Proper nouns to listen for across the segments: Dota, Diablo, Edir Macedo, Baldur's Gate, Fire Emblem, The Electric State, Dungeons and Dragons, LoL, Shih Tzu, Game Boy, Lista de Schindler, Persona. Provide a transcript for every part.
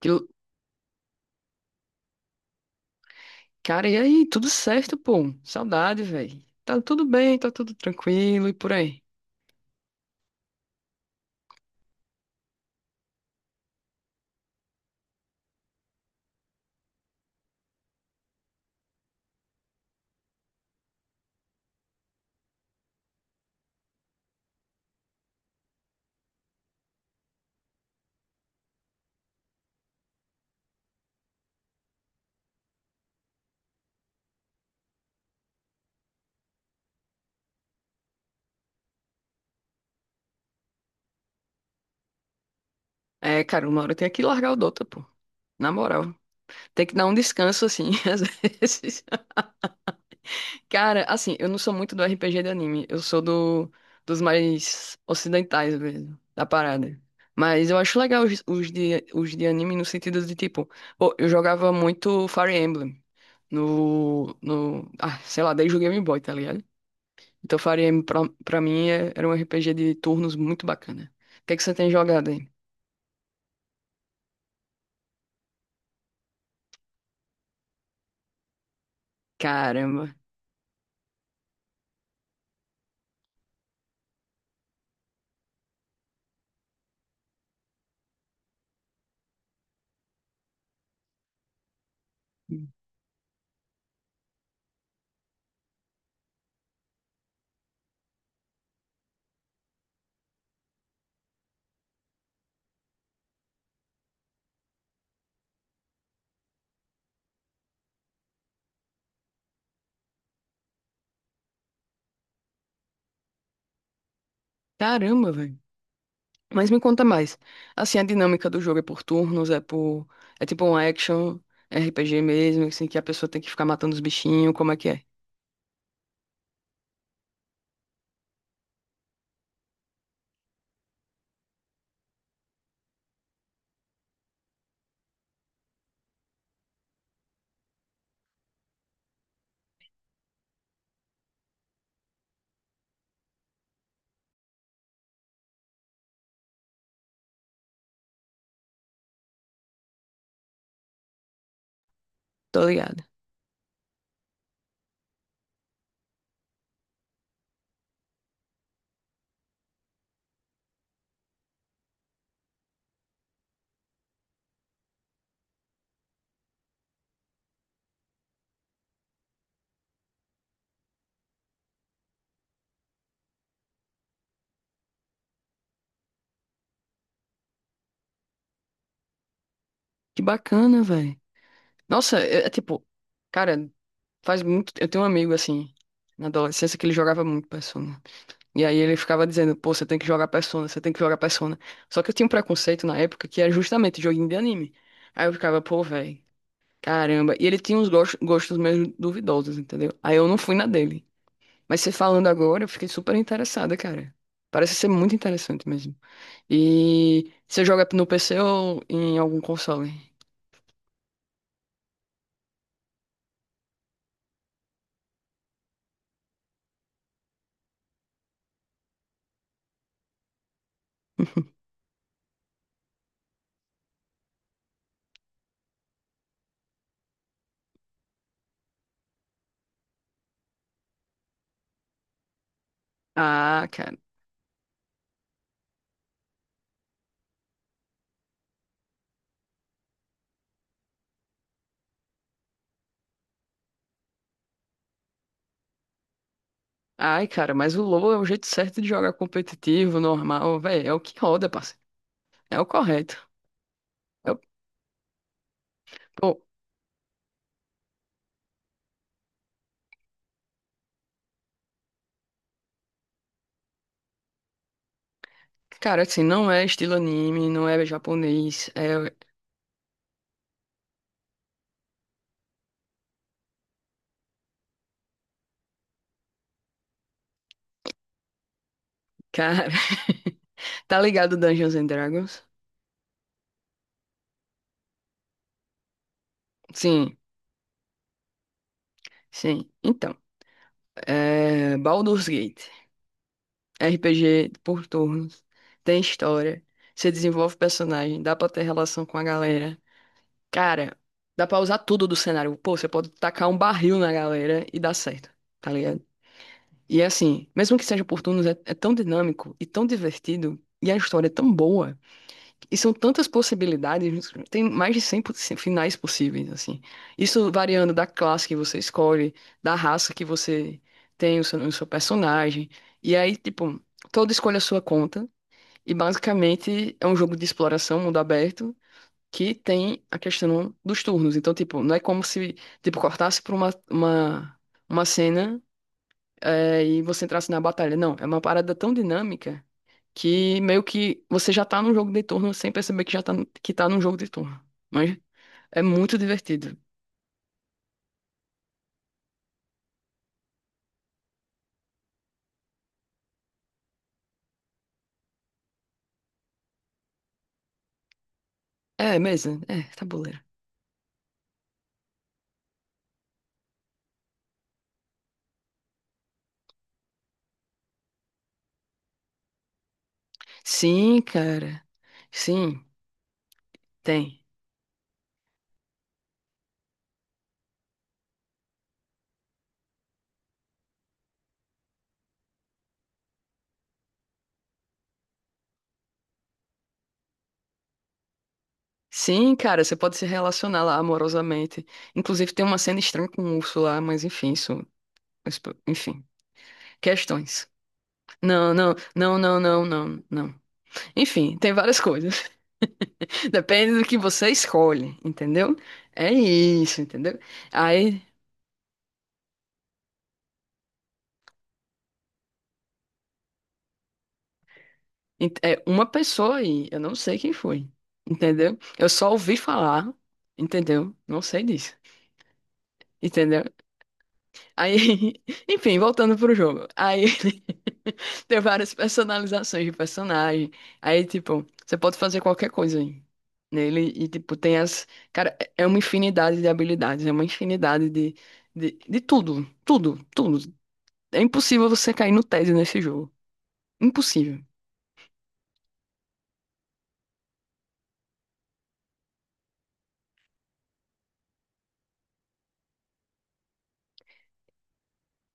Que l- Cara, e aí? Tudo certo, pô? Saudade, velho. Tá tudo bem, tá tudo tranquilo e por aí. É, cara, uma hora tem que largar o Dota, pô. Na moral. Tem que dar um descanso, assim, às vezes. Cara, assim, eu não sou muito do RPG de anime. Eu sou do, dos mais ocidentais mesmo, da parada. Mas eu acho legal os de anime no sentido de, tipo... Pô, eu jogava muito Fire Emblem no, no, sei lá, desde o Game Boy, tá ligado? Então, Fire Emblem pra mim era um RPG de turnos muito bacana. O que é que você tem jogado aí? Caramba. Caramba, velho. Mas me conta mais. Assim, a dinâmica do jogo é por turnos, é por. É tipo um action RPG mesmo, assim, que a pessoa tem que ficar matando os bichinhos, como é que é? Tô ligado. Que bacana, velho. Nossa, é, é tipo. Cara, faz muito. Eu tenho um amigo, assim, na adolescência, que ele jogava muito Persona. E aí ele ficava dizendo, pô, você tem que jogar Persona, você tem que jogar Persona. Só que eu tinha um preconceito na época que era justamente joguinho de anime. Aí eu ficava, pô, velho, caramba. E ele tinha uns gostos meio duvidosos, entendeu? Aí eu não fui na dele. Mas você falando agora, eu fiquei super interessada, cara. Parece ser muito interessante mesmo. E você joga no PC ou em algum console? Ah, cara. Ai, cara, mas o LoL é o jeito certo de jogar competitivo, normal, velho. É o que roda, parceiro. É o correto. É o- Pô, cara, assim, não é estilo anime, não é japonês, é... Cara, tá ligado Dungeons and Dragons? Sim, sim. Então, é... Baldur's Gate, RPG por turnos, tem história, você desenvolve personagem, dá pra ter relação com a galera. Cara, dá pra usar tudo do cenário. Pô, você pode tacar um barril na galera e dá certo, tá ligado? E assim, mesmo que seja por turnos, é, é tão dinâmico e tão divertido, e a história é tão boa. E são tantas possibilidades, tem mais de 100 finais possíveis, assim. Isso variando da classe que você escolhe, da raça que você tem o seu personagem. E aí, tipo, todo escolhe a sua conta. E basicamente é um jogo de exploração, mundo aberto, que tem a questão dos turnos. Então, tipo, não é como se, tipo, cortasse por uma cena, e você entrasse na batalha. Não, é uma parada tão dinâmica que meio que você já tá num jogo de turno sem perceber que já tá, que tá num jogo de turno. Mas é muito divertido. É, mesa, é, tabuleiro. Sim, cara. Sim, tem. Sim, cara, você pode se relacionar lá amorosamente. Inclusive tem uma cena estranha com o urso lá, mas enfim, isso- enfim, questões. Não, não, não, não, não, não, não. Enfim, tem várias coisas. Depende do que você escolhe, entendeu? É isso, entendeu? Aí É uma pessoa aí, eu não sei quem foi, entendeu? Eu só ouvi falar, entendeu? Não sei disso, entendeu? Aí, enfim, voltando pro jogo. Aí tem várias personalizações de personagem. Aí, tipo, você pode fazer qualquer coisa aí nele e, tipo, tem as. Cara, é é uma infinidade de habilidades, é uma infinidade de tudo, tudo, tudo. É impossível você cair no tédio nesse jogo. Impossível.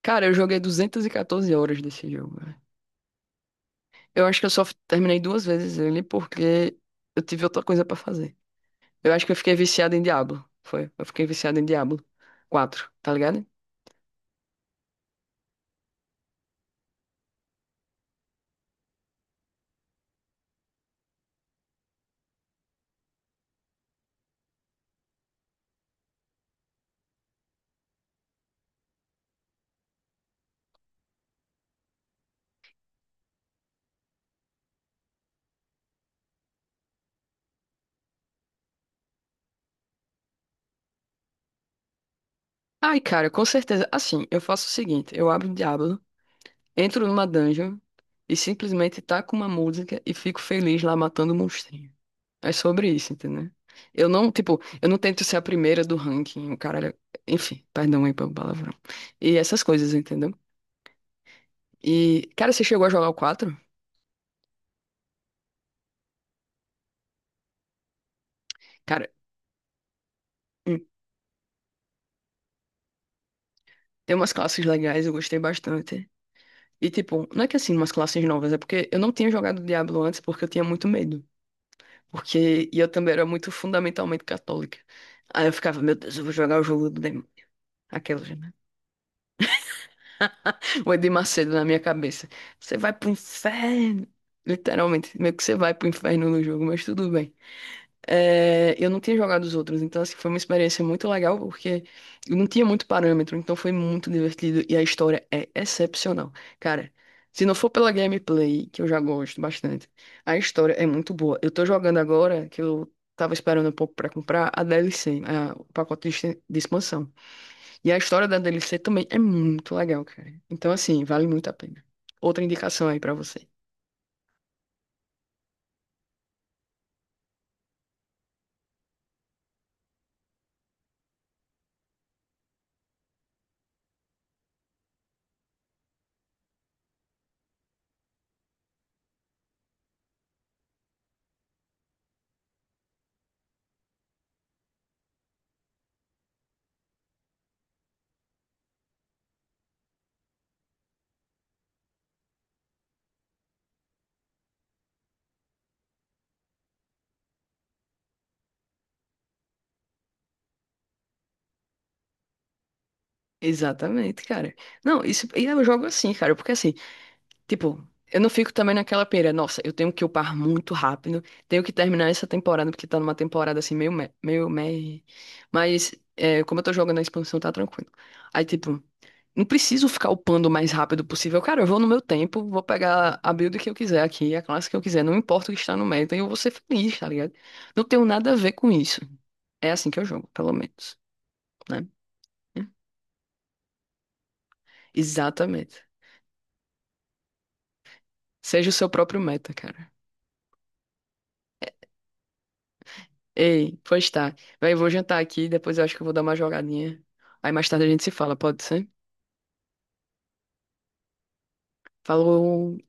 Cara, eu joguei 214 horas desse jogo. Eu acho que eu só terminei duas vezes ele porque eu tive outra coisa pra fazer. Eu acho que eu fiquei viciado em Diablo. Foi. Eu fiquei viciado em Diablo 4, tá ligado? Ai, cara, com certeza. Assim, eu faço o seguinte: eu abro o Diablo, entro numa dungeon e simplesmente taco uma música e fico feliz lá matando o monstrinho. É sobre isso, entendeu? Eu não, tipo, eu não tento ser a primeira do ranking, o cara. Enfim, perdão aí pelo palavrão. E essas coisas, entendeu? E, cara, você chegou a jogar o quatro, cara. Tem umas classes legais, eu gostei bastante. E, tipo, não é que assim, umas classes novas, é porque eu não tinha jogado Diablo antes porque eu tinha muito medo. Porque e eu também era muito fundamentalmente católica. Aí eu ficava, meu Deus, eu vou jogar o jogo do demônio. Aquelas, né? O Edir Macedo na minha cabeça. Você vai pro inferno. Literalmente, meio que você vai pro inferno no jogo, mas tudo bem. É, eu não tinha jogado os outros, então assim, foi uma experiência muito legal porque eu não tinha muito parâmetro, então foi muito divertido e a história é excepcional. Cara, se não for pela gameplay, que eu já gosto bastante, a história é muito boa. Eu tô jogando agora, que eu tava esperando um pouco pra comprar, a DLC, o pacote de, de expansão. E a história da DLC também é muito legal, cara. Então assim, vale muito a pena. Outra indicação aí pra você. Exatamente, cara. Não, isso, e eu jogo assim, cara, porque assim, tipo, eu não fico também naquela pira, nossa, eu tenho que upar muito rápido, tenho que terminar essa temporada, porque tá numa temporada assim, meio, meio. Mas, é, como eu tô jogando a expansão, tá tranquilo. Aí, tipo, não preciso ficar upando o mais rápido possível. Cara, eu vou no meu tempo, vou pegar a build que eu quiser aqui, a classe que eu quiser, não importa o que está no meta, e eu vou ser feliz, tá ligado? Não tenho nada a ver com isso. É assim que eu jogo, pelo menos, né? Exatamente. Seja o seu próprio meta, cara. Ei, pois tá. Véi, vou jantar aqui, depois eu acho que eu vou dar uma jogadinha. Aí mais tarde a gente se fala, pode ser? Falou.